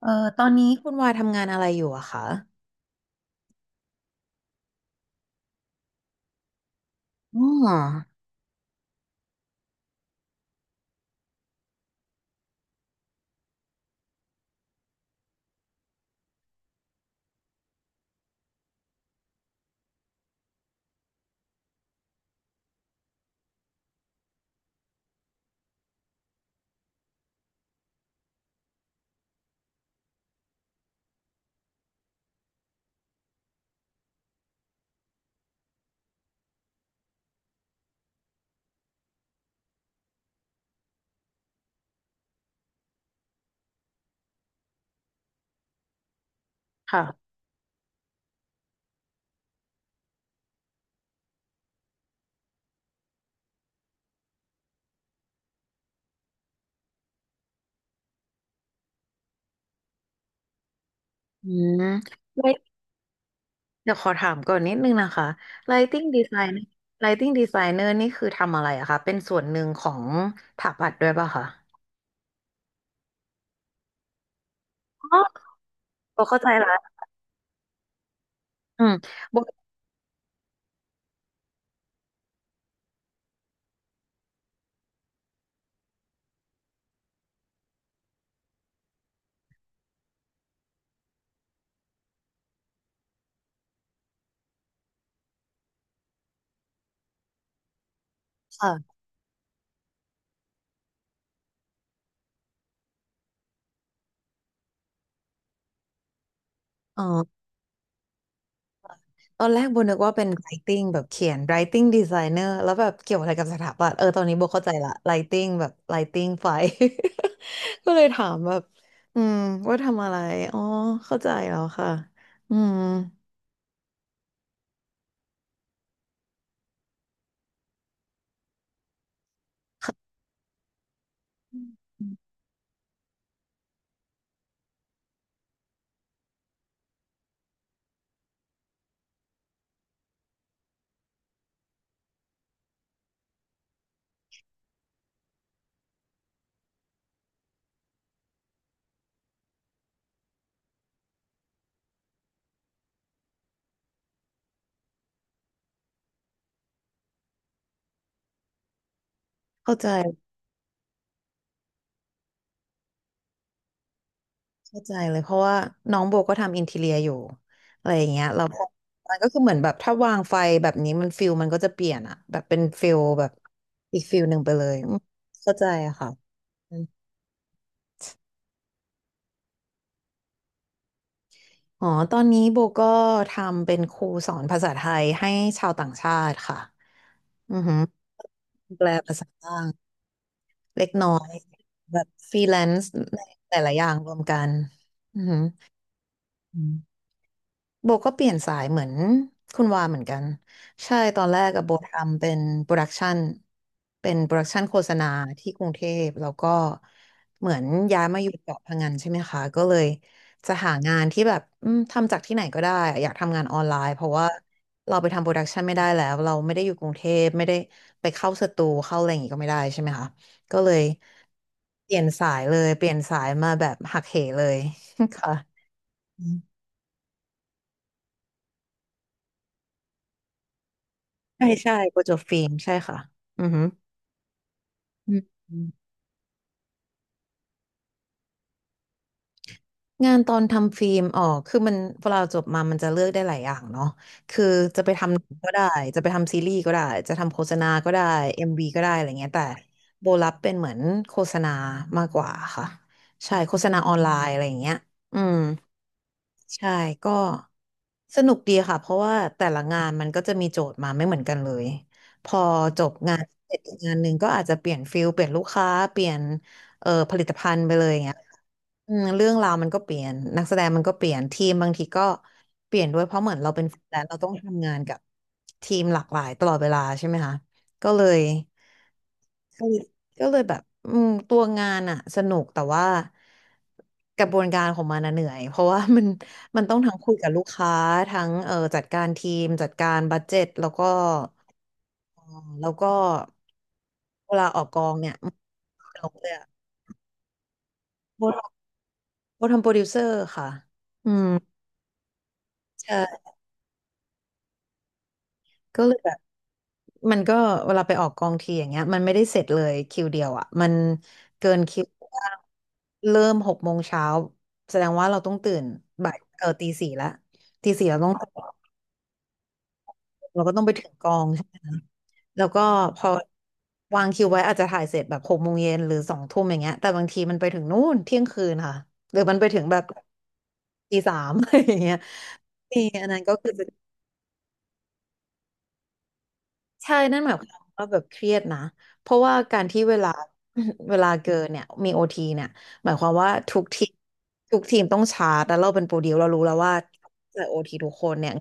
เออตอนนี้คุณวาทำงานอะไรอยู่อะคะอ๋ออืมไลเดี๋ยวขอถามก่อนนิดนึงนะคะ Lighting Designer Lighting Designer นี่คือทำอะไรอะคะเป็นส่วนหนึ่งของสถาปัดด้วยป่ะคะอ๋อโบเข้าใจละอืมโบค่ะอ๋อตอนแรกโบนึกว่าเป็น Lighting แบบเขียน Lighting Designer แล้วแบบเกี่ยวอะไรกับสถาปัตย์ตอนนี้โบเข้าใจละ Lighting แบบ Lighting ไฟ ก็เลยถามแบบอืมว่าทำอะไรอ๋อเข้าใจแล้วค่ะอืม เข้าใจเข้าใจเลยเพราะว่าน้องโบก็ทำอินทีเรียอยู่อะไรอย่างเงี้ยเราก็มันก็คือเหมือนแบบถ้าวางไฟแบบนี้มันฟิลมันก็จะเปลี่ยนอะแบบเป็นฟิลแบบอีกฟิลหนึ่งไปเลยอืมเข้าใจอะค่ะอมอ๋อตอนนี้โบก็ทำเป็นครูสอนภาษาไทยให้ชาวต่างชาติค่ะอือหือแปลภาษาบ้างเล็กน้อยแบบฟรีแลนซ์หลายๆอย่างรวมกันอือหือ โบก็เปลี่ยนสายเหมือนคุณวาเหมือนกันใช่ตอนแรกกับโบทำเป็นโปรดักชันเป็นโปรดักชันโฆษณาที่กรุงเทพแล้วก็เหมือนย้ายมาอยู่เกาะพะงันใช่ไหมคะก็เลยจะหางานที่แบบอืมทำจากที่ไหนก็ได้อยากทำงานออนไลน์เพราะว่าเราไปทำโปรดักชันไม่ได้แล้วเราไม่ได้อยู่กรุงเทพไม่ได้ไปเข้าสตูเข้าอะไรอย่างงี้ก็ไม่ได้ใช่ไหมคะก็เลยเปลี่ยนสายเลยเปลี่ยนสายมาแบบหักเหเลย ค่ะ ใช่ใช่โปรเจกต์ฟิล์มใช่ค่ะอือหืออืมงานตอนทำฟิล์มอ๋อคือมันเวลาจบมามันจะเลือกได้หลายอย่างเนาะคือจะไปทำหนังก็ได้จะไปทำซีรีส์ก็ได้จะทำโฆษณาก็ได้เอ็มวีก็ได้อะไรเงี้ยแต่โบรับเป็นเหมือนโฆษณามากกว่าค่ะใช่โฆษณาออนไลน์อะไรอย่างเงี้ยอืมใช่ก็สนุกดีค่ะเพราะว่าแต่ละงานมันก็จะมีโจทย์มาไม่เหมือนกันเลยพอจบงานเสร็จอีกงานหนึ่งก็อาจจะเปลี่ยนฟิลเปลี่ยนลูกค้าเปลี่ยน ผลิตภัณฑ์ไปเลยอย่างเงี้ยอืมเรื่องราวมันก็เปลี่ยนนักแสดงมันก็เปลี่ยนทีมบางทีก็เปลี่ยนด้วยเพราะเหมือนเราเป็นฟรีแลนซ์เราต้องทำงานกับทีมหลากหลายตลอดเวลาใช่ไหมคะก็เลยก็เลยก็เลยแบบอืมตัวงานอะสนุกแต่ว่ากระบวนการของมันอะเหนื่อยเพราะว่ามัน มันต้องทั้งคุยกับลูกค้าทั้งจัดการทีมจัดการบัดเจ็ตแล้วก็เออแล้วก็เวลาออกกองเนี่ย ลงเลยอะ โบทำโปรดิวเซอร์ค่ะอืมใช่ก็เลยแบบมันก็เวลาไปออกกองทีอย่างเงี้ยมันไม่ได้เสร็จเลยคิวเดียวอ่ะมันเกินคิวว่าเริ่ม6 โมงเช้าแสดงว่าเราต้องตื่นบ่ายตีสี่ละตีสี่เราต้องตื่นเราก็ต้องไปถึงกองใช่ไหมคะแล้วก็พอวางคิวไว้อาจจะถ่ายเสร็จแบบ6 โมงเย็นหรือ2 ทุ่มอย่างเงี้ยแต่บางทีมันไปถึงนู่นเที่ยงคืนค่ะหรือมันไปถึงแบบตี 3 อะไรอย่างเงี้ยนี่อันนั้นก็คือ ใช่นั่นหมายความว่าแบบเครียดนะเพราะว่าการที่เวลา เวลาเกินเนี่ยมีโอทีเนี่ยหมายความว่าทุกทีมต้องชาร์จแล้วเราเป็นโปรดิวเรารู้แล้วว่าจ่ายโอทีทุกคนเนี่ย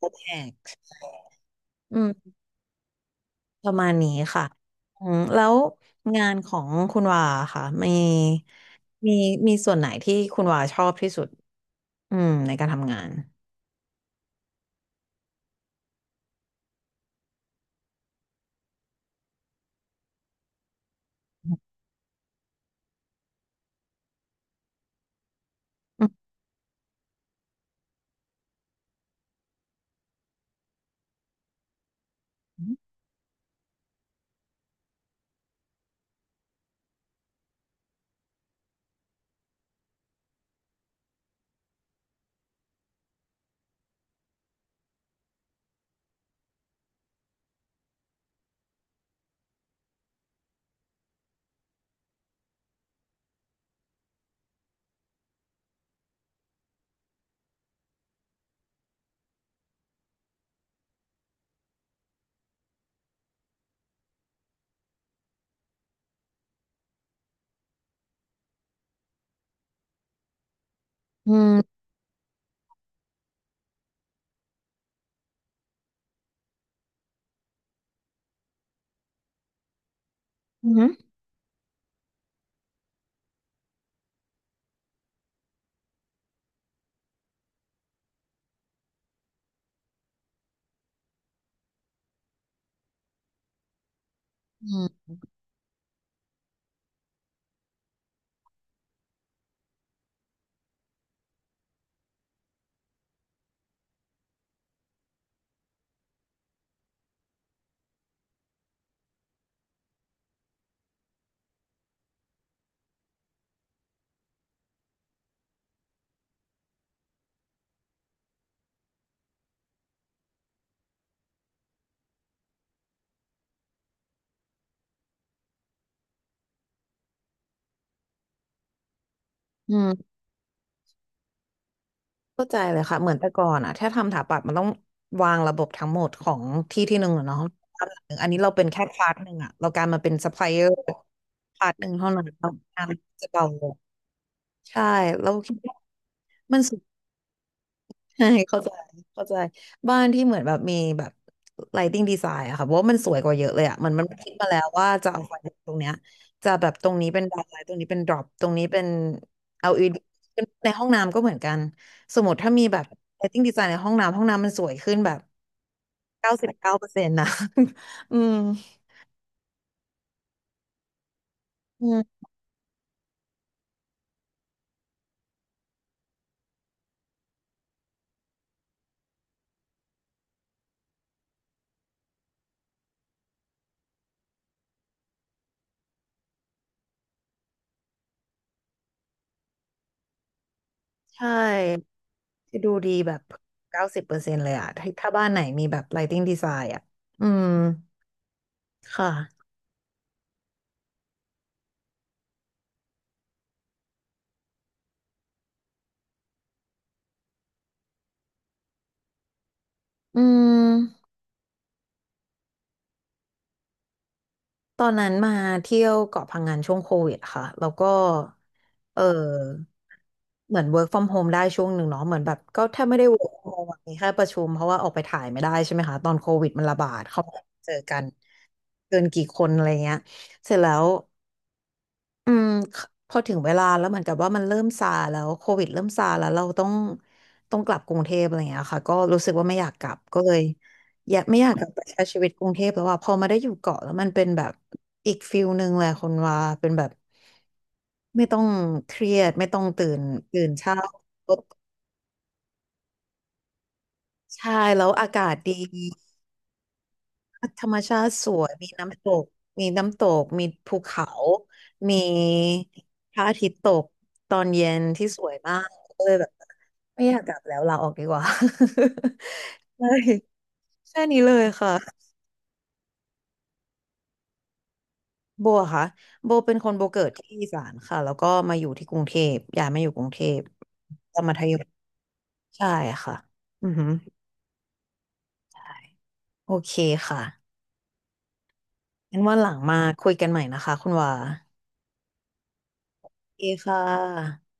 จะแตกอืมประมาณนี้ค่ะอืมแล้วงานของคุณวาค่ะมีมีมีส่วนไหนที่คุณวาชอบที่สุดอืมในการทำงานอืมอืมอืมอืม เข้าใจเลยค่ะเหมือนแต่ก่อนอะถ้าทำสถาปัตย์มันต้องวางระบบทั้งหมดของที่ที่หนึ่งอะเนาะบ้านหลังหนึ่งอันนี้เราเป็นแค่พาร์ทหนึ่งอะเราการมาเป็นซัพพลายเออร์พาร์ทหนึ่งเท่านั้นแล้งานจะเบาลงใช่เราคิดว่ามันสุด ใช่เข้าใจเข้าใจบ้านที่เหมือนแบบมีแบบ lighting design อะค่ะเพราะว่ามันสวยกว่าเยอะเลยอะมันมันคิดมาแล้วว่าจะเอาไฟตรงเนี้ยจะแบบตรงนี้เป็น dark light ตรงนี้เป็น drop ตรงนี้เป็น LED ในห้องน้ำก็เหมือนกันสมมติถ้ามีแบบ lighting design ในห้องน้ำห้องน้ำมันสวยขึ้นแบบ99%นะ อืมอืมใช่จะดูดีแบบ90%เลยอะถ้าถ้าบ้านไหนมีแบบ lighting design อะอืมค่ะอืม ตอนนั้นมาเที่ยวเกาะพังงานช่วงโควิดค่ะแล้วก็เออเหมือน work from home ได้ช่วงหนึ่งเนาะเหมือนแบบก็แทบไม่ได้ work from home อะมีแค่ประชุมเพราะว่าออกไปถ่ายไม่ได้ใช่ไหมคะตอนโควิดมันระบาดเขาไม่เจอกันเกินกี่คนอะไรเงี้ยเสร็จแล้ว อืมคพอถึงเวลาแล้วเหมือนกับว่ามันเริ่มซาแล้วโควิดเริ่มซาแล้วเราต้องกลับกรุงเทพอะไรอย่างเงี้ยค่ะก็รู้สึกว่าไม่อยากกลับก็เลยอยากไม่อยากกลับไปใช้ชีวิตกรุงเทพแล้วว่าพอมาได้อยู่เกาะแล้วมันเป็นแบบอีกฟิลหนึ่งเลยคนว่าเป็นแบบไม่ต้องเครียดไม่ต้องตื่นตื่นเช้าใช่แล้วอากาศดีธรรมชาติสวยมีน้ำตกมีน้ำตกมีภูเขามีพระอาทิตย์ตกตอนเย็นที่สวยมากก็เลยแบบ ไม่อยากกลับแล้วลาออกดีกว่า ใช่แค่นี้เลยค่ะโบอะค่ะโบเป็นคนโบเกิดที่อีสานค่ะแล้วก็มาอยู่ที่กรุงเทพย้ายมาอยู่กรุงเทพตอนมัธยมใช่ค่ะอือหือใช่โอเคค่ะงั้นวันหลังมาคุยกันใหม่นะคะคุณวาโอเคค่ะ